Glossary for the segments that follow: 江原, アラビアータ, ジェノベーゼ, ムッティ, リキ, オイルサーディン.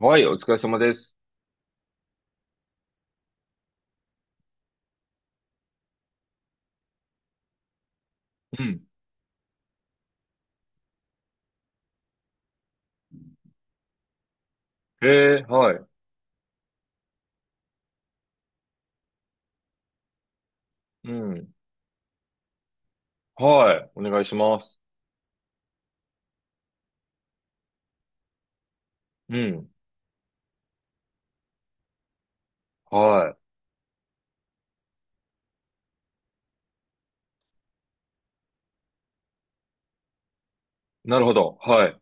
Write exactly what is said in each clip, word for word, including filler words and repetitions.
はい、お疲れ様です。うん。えー、はい。うん。はい。お願いします。うん。はい。なるほど。はい。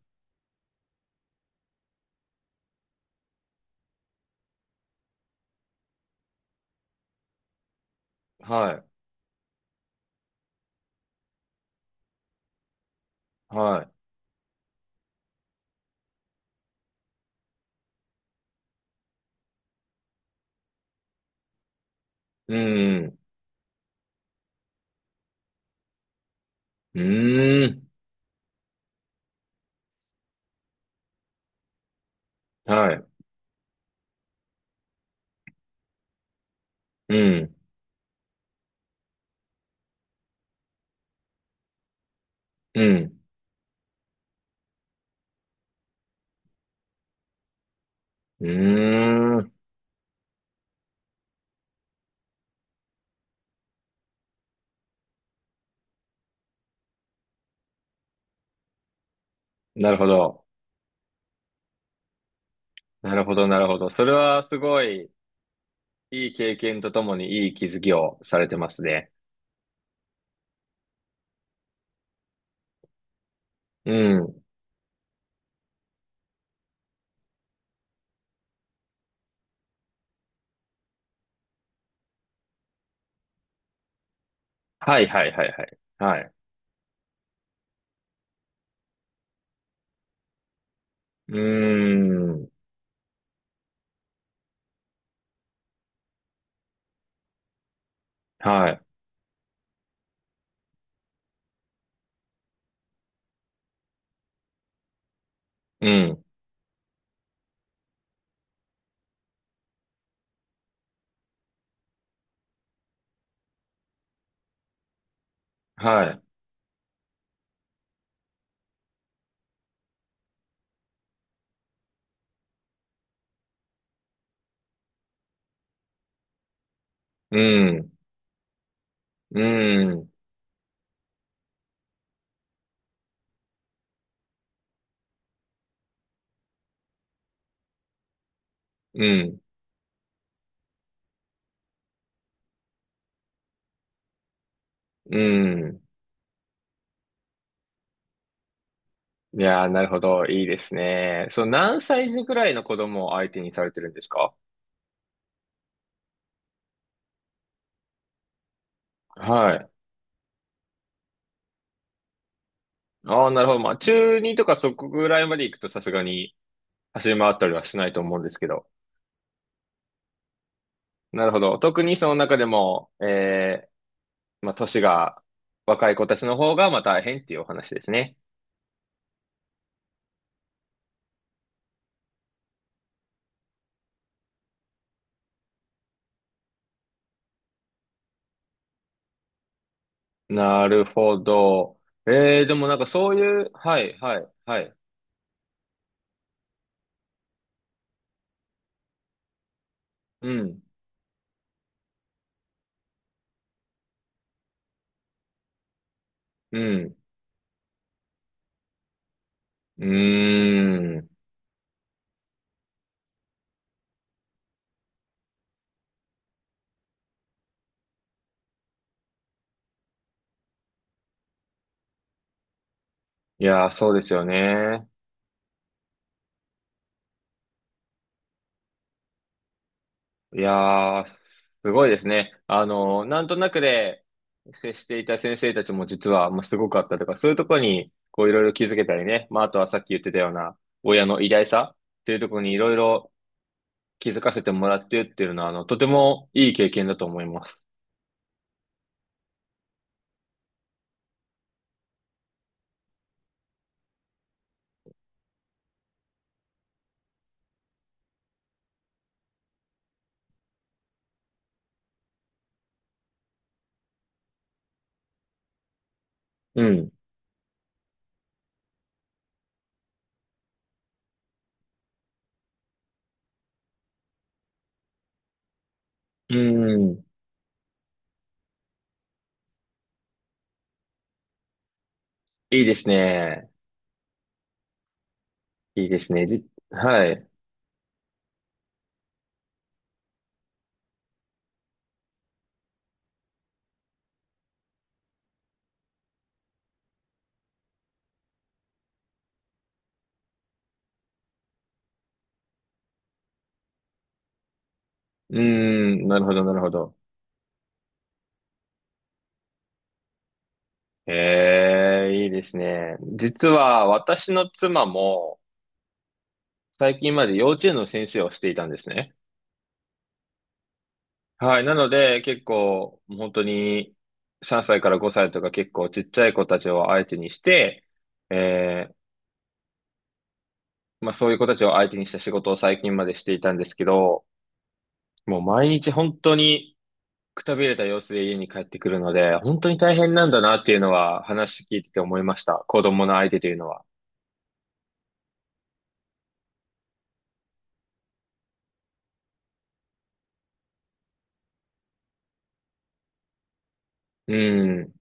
はい。はい。うん。うーん。はい。うん。うん。うーん。なるほど。なるほど、なるほど。それはすごい、いい経験とともにいい気づきをされてますね。うん。はい、はい、はい、はい。はい。うーん。はい。うん。はい。うん。うん。うん。うん。いやー、なるほど。いいですね。そう、何歳児くらいの子供を相手にされてるんですか？はい。ああ、なるほど。まあ、中二とかそこぐらいまで行くとさすがに走り回ったりはしないと思うんですけど。なるほど。特にその中でも、えー、まあ、年が若い子たちの方がまあ大変っていうお話ですね。なるほど。えー、でもなんかそういう、はい、はい、はい。うん、うん、うーん。いやー、そうですよね。いやー、すごいですね。あの、なんとなくで接していた先生たちも実は、まあ、すごかったとか、そういうところに、こういろいろ気づけたりね。まあ、あとはさっき言ってたような、親の偉大さっていうところにいろいろ気づかせてもらってっていうのは、あの、とてもいい経験だと思います。うん。うん。いいですね。いいですね。じ、はい。うん。なるほど、なるほど。ええ、いいですね。実は私の妻も、最近まで幼稚園の先生をしていたんですね。はい。なので、結構、本当に、さんさいからごさいとか結構ちっちゃい子たちを相手にして、えー、まあそういう子たちを相手にした仕事を最近までしていたんですけど、もう毎日本当にくたびれた様子で家に帰ってくるので、本当に大変なんだなっていうのは話聞いてて思いました。子供の相手というのは。うん。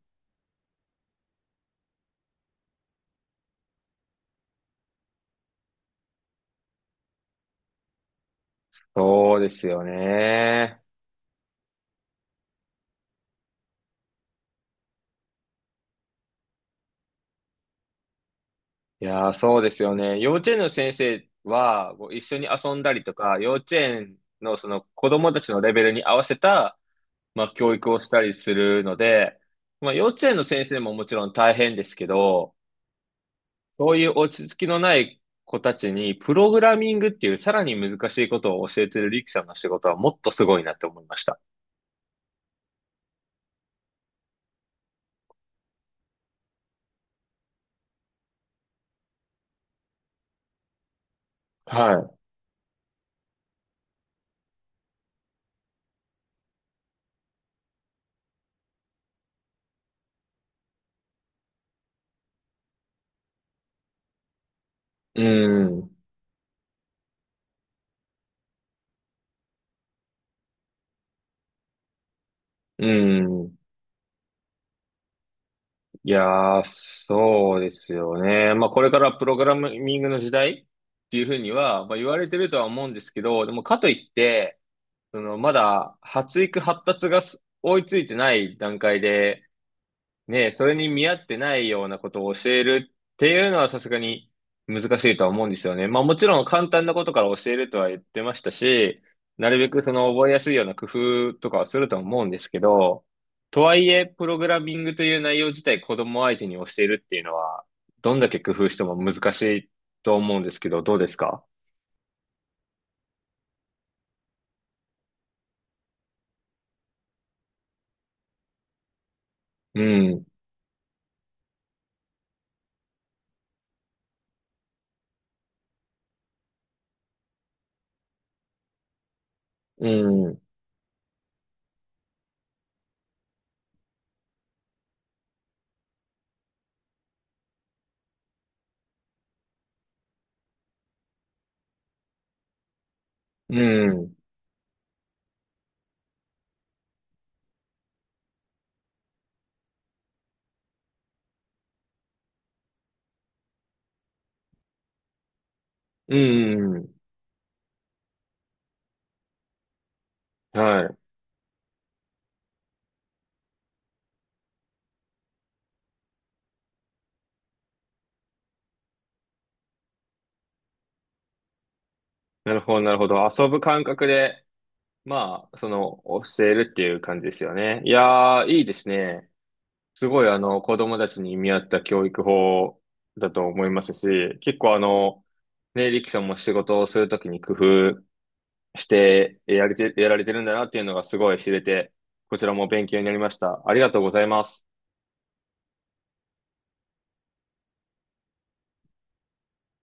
そうですよね。いやー、そうですよね。幼稚園の先生は、こう一緒に遊んだりとか、幼稚園のその子供たちのレベルに合わせた、まあ、教育をしたりするので、まあ、幼稚園の先生ももちろん大変ですけど、そういう落ち着きのない子たちに、プログラミングっていうさらに難しいことを教えてるリキさんの仕事はもっとすごいなって思いました。はい。うん。うん。いやー、そうですよね。まあ、これからプログラミングの時代っていうふうには、まあ、言われてるとは思うんですけど、でもかといって、その、まだ発育発達がす追いついてない段階で、ねえ、それに見合ってないようなことを教えるっていうのはさすがに難しいとは思うんですよね。まあもちろん簡単なことから教えるとは言ってましたし、なるべくその覚えやすいような工夫とかはすると思うんですけど、とはいえ、プログラミングという内容自体子供相手に教えるっていうのは、どんだけ工夫しても難しいと思うんですけど、どうですか？うん、うん、うん、うん、うん。はい。なるほど、なるほど。遊ぶ感覚で、まあ、その、教えるっていう感じですよね。いやー、いいですね。すごい、あの、子供たちに見合った教育法だと思いますし、結構あの、ね、リキさんも仕事をするときに工夫してやれて、やられてるんだなっていうのがすごい知れて、こちらも勉強になりました。ありがとうございます。